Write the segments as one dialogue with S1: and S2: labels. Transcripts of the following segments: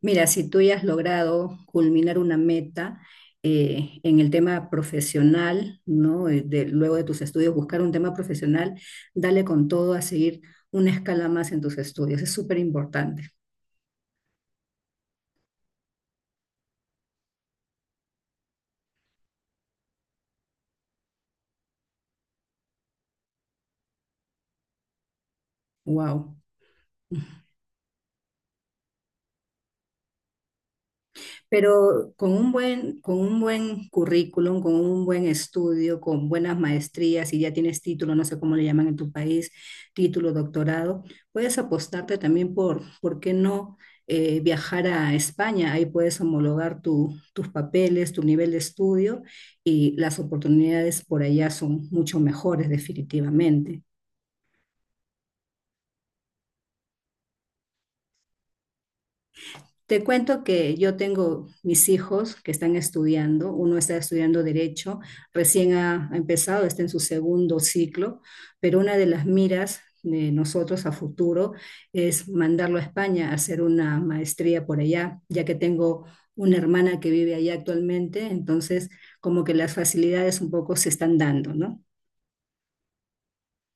S1: Mira, si tú ya has logrado culminar una meta en el tema profesional, ¿no? Luego de tus estudios, buscar un tema profesional, dale con todo a seguir una escala más en tus estudios. Es súper importante. Wow. Pero con un buen currículum, con un buen estudio, con buenas maestrías, si ya tienes título, no sé cómo le llaman en tu país, título, doctorado, puedes apostarte también ¿por qué no? Viajar a España, ahí puedes tus papeles, tu nivel de estudio y las oportunidades por allá son mucho mejores definitivamente. Te cuento que yo tengo mis hijos que están estudiando, uno está estudiando derecho, recién ha empezado, está en su segundo ciclo, pero una de las miras de nosotros a futuro es mandarlo a España a hacer una maestría por allá, ya que tengo una hermana que vive allá actualmente, entonces como que las facilidades un poco se están dando, ¿no?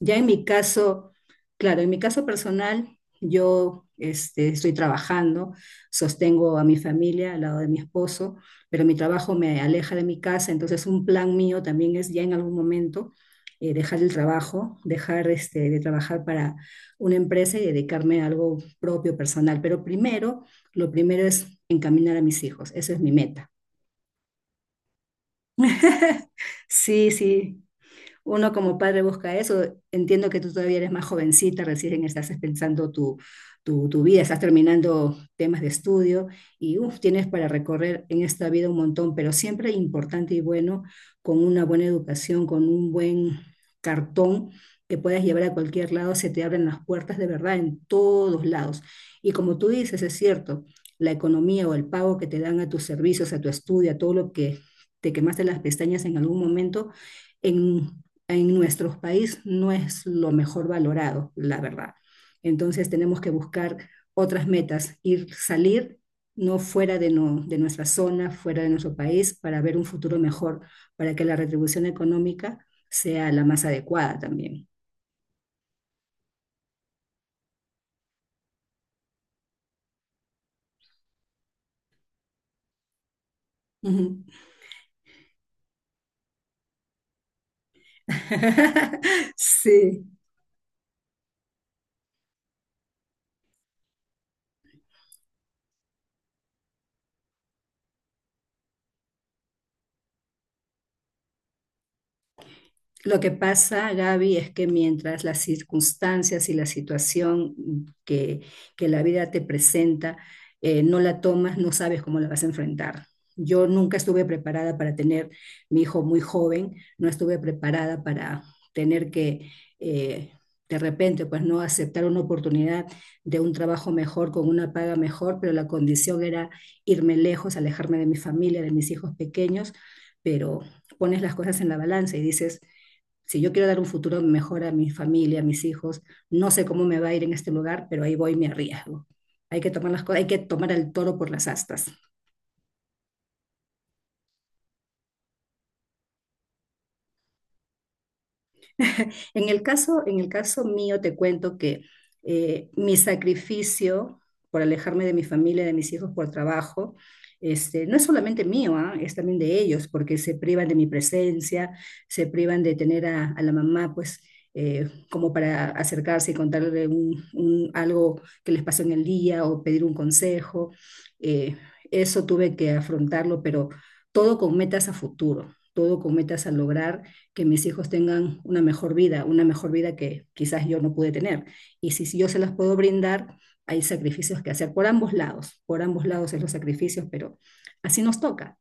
S1: Ya en mi caso, claro, en mi caso personal, yo estoy trabajando, sostengo a mi familia al lado de mi esposo, pero mi trabajo me aleja de mi casa, entonces un plan mío también es ya en algún momento dejar el trabajo, de trabajar para una empresa y dedicarme a algo propio, personal. Pero primero, lo primero es encaminar a mis hijos, esa es mi meta. Sí, sí, uno como padre busca eso. Entiendo que tú todavía eres más jovencita, recién estás pensando tu vida, estás terminando temas de estudio y uf, tienes para recorrer en esta vida un montón, pero siempre importante y bueno, con una buena educación, con un buen cartón que puedas llevar a cualquier lado, se te abren las puertas de verdad en todos lados. Y como tú dices, es cierto, la economía o el pago que te dan a tus servicios, a tu estudio, a todo lo que te quemaste las pestañas en algún momento, en en nuestro país no es lo mejor valorado, la verdad. Entonces tenemos que buscar otras metas, ir salir no fuera de, no, de nuestra zona, fuera de nuestro país, para ver un futuro mejor, para que la retribución económica sea la más adecuada también. Ujú. Sí. Lo que pasa, Gaby, es que mientras las circunstancias y la situación que, que la vida te presenta no la tomas, no sabes cómo la vas a enfrentar. Yo nunca estuve preparada para tener mi hijo muy joven, no estuve preparada para tener que eh, de repente, pues no aceptar una oportunidad de un trabajo mejor, con una paga mejor, pero la condición era irme lejos, alejarme de mi familia, de mis hijos pequeños, pero pones las cosas en la balanza y dices, si yo quiero dar un futuro mejor a mi familia, a mis hijos, no sé cómo me va a ir en este lugar, pero ahí voy y me arriesgo. Hay que tomar las cosas, hay que tomar el toro por las astas. En el caso mío, te cuento que mi sacrificio por alejarme de mi familia, de mis hijos por trabajo, este, no es solamente mío, ¿ah? Es también de ellos, porque se privan de mi presencia, se privan de tener a la mamá, pues, como para acercarse y contarle algo que les pasó en el día o pedir un consejo. Eh, Eso tuve que afrontarlo, pero todo con metas a futuro, todo con metas a lograr que mis hijos tengan una mejor vida que quizás yo no pude tener. Y si yo se las puedo brindar, hay sacrificios que hacer por ambos lados es los sacrificios, pero así nos toca.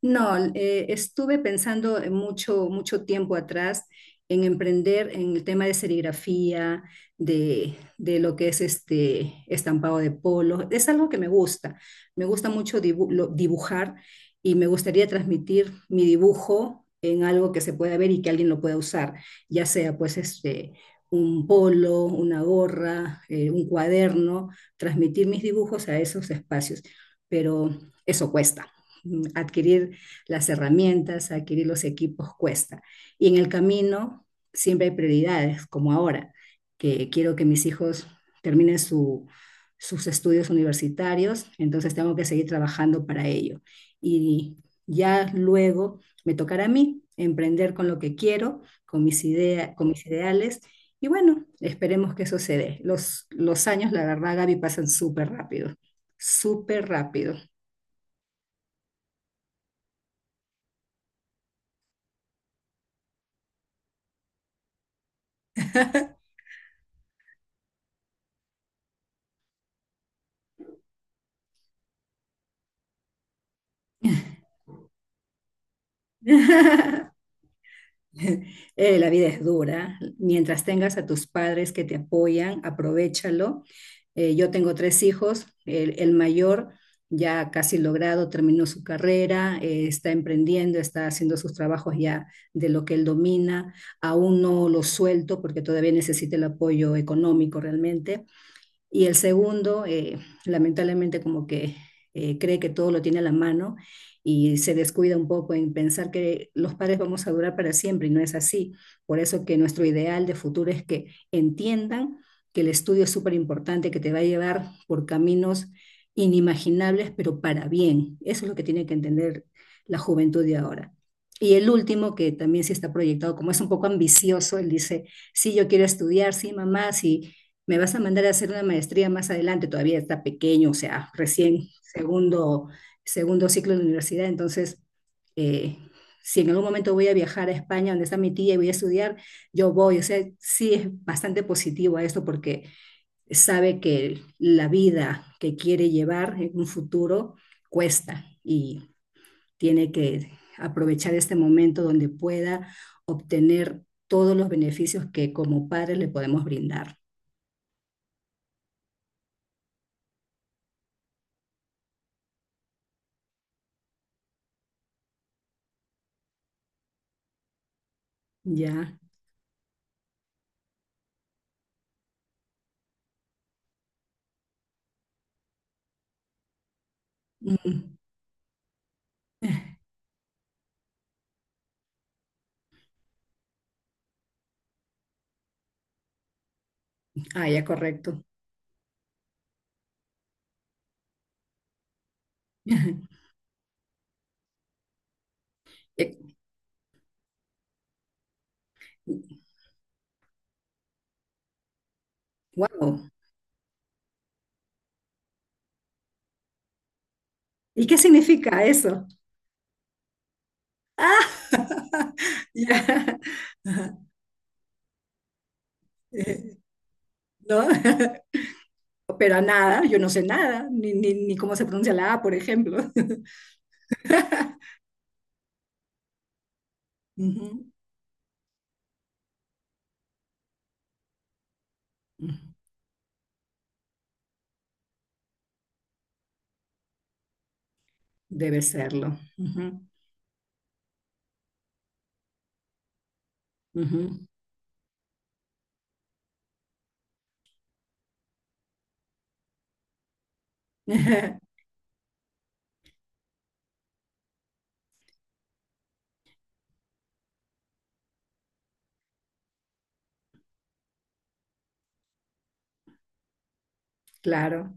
S1: No, estuve pensando en mucho, mucho tiempo atrás en emprender en el tema de serigrafía, de lo que es este estampado de polo. Es algo que me gusta. Me gusta mucho dibujar y me gustaría transmitir mi dibujo en algo que se pueda ver y que alguien lo pueda usar, ya sea pues este un polo, una gorra, un cuaderno, transmitir mis dibujos a esos espacios. Pero eso cuesta adquirir las herramientas, adquirir los equipos cuesta. Y en el camino siempre hay prioridades, como ahora, que quiero que mis hijos terminen sus estudios universitarios, entonces tengo que seguir trabajando para ello. Y ya luego me tocará a mí emprender con lo que quiero, con mis, ideas con mis ideales. Y bueno, esperemos que eso se dé. Los años, la verdad, Gaby, pasan súper rápido, súper rápido. La vida es dura. Mientras tengas a tus padres que te apoyan, aprovechalo. Yo tengo tres hijos. El mayor ya casi logrado, terminó su carrera, está emprendiendo, está haciendo sus trabajos ya de lo que él domina. Aún no lo suelto porque todavía necesita el apoyo económico realmente. Y el segundo, lamentablemente, como que cree que todo lo tiene a la mano y se descuida un poco en pensar que los padres vamos a durar para siempre y no es así. Por eso que nuestro ideal de futuro es que entiendan que el estudio es súper importante, que te va a llevar por caminos inimaginables, pero para bien. Eso es lo que tiene que entender la juventud de ahora. Y el último, que también sí está proyectado, como es un poco ambicioso, él dice, sí, yo quiero estudiar, sí, mamá, sí, me vas a mandar a hacer una maestría más adelante, todavía está pequeño, o sea, recién segundo, segundo ciclo de la universidad, entonces, eh, si en algún momento voy a viajar a España, donde está mi tía, y voy a estudiar, yo voy, o sea, sí es bastante positivo a esto porque sabe que la vida que quiere llevar en un futuro cuesta y tiene que aprovechar este momento donde pueda obtener todos los beneficios que como padres le podemos brindar. Ya. Mm. Ah, ya, correcto. Wow. ¿Y qué significa eso? Ah, ya. Ajá. Eh, No, pero a nada, yo no sé nada, ni cómo se pronuncia la A, por ejemplo. Ujú. Debe serlo. Ujú, ujú. Claro.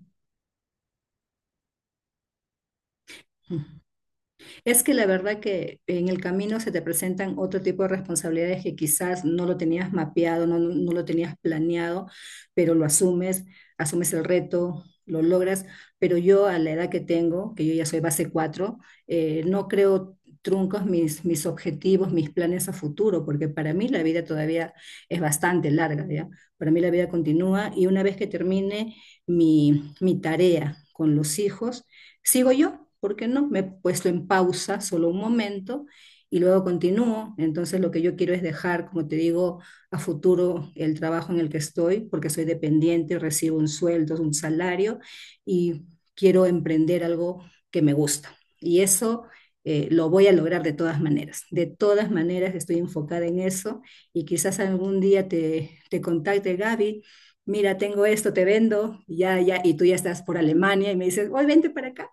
S1: Es que la verdad que en el camino se te presentan otro tipo de responsabilidades que quizás no lo tenías mapeado, no lo tenías planeado, pero lo asumes, asumes el reto, lo logras. Pero yo a la edad que tengo, que yo ya soy base 4, no creo truncos mis objetivos, mis planes a futuro, porque para mí la vida todavía es bastante larga, ¿ya? Para mí la vida continúa y una vez que termine mi tarea con los hijos, sigo yo, ¿por qué no? Me he puesto en pausa solo un momento y luego continúo. Entonces lo que yo quiero es dejar, como te digo, a futuro el trabajo en el que estoy, porque soy dependiente, recibo un sueldo, un salario y quiero emprender algo que me gusta. Y eso lo voy a lograr de todas maneras. De todas maneras estoy enfocada en eso y quizás algún día te contacte Gaby. Mira, tengo esto, te vendo, ya, ya, y tú ya estás por Alemania y me dices, hoy vente para acá.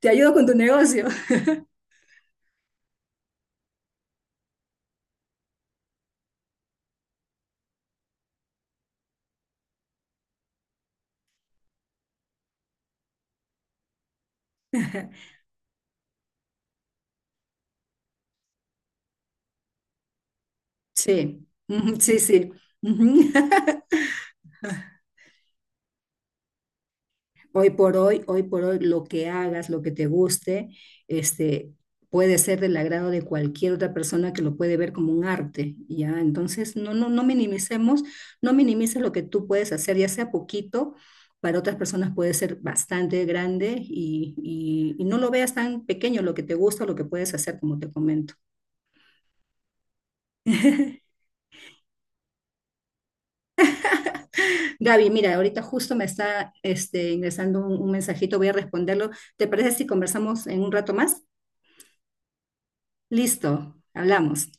S1: Te ayudo con tu negocio. Sí, ujú, sí, sí. Ujú. Hoy por hoy, lo que hagas, lo que te guste, este, puede ser del agrado de cualquier otra persona que lo puede ver como un arte, ¿ya? Entonces, no, no, no minimicemos, no minimices lo que tú puedes hacer, ya sea poquito, para otras personas puede ser bastante grande y no lo veas tan pequeño lo que te gusta, lo que puedes hacer, como te comento. Gaby, mira, ahorita justo me está este, ingresando un mensajito, voy a responderlo. ¿Te parece si conversamos en un rato más? Listo, hablamos.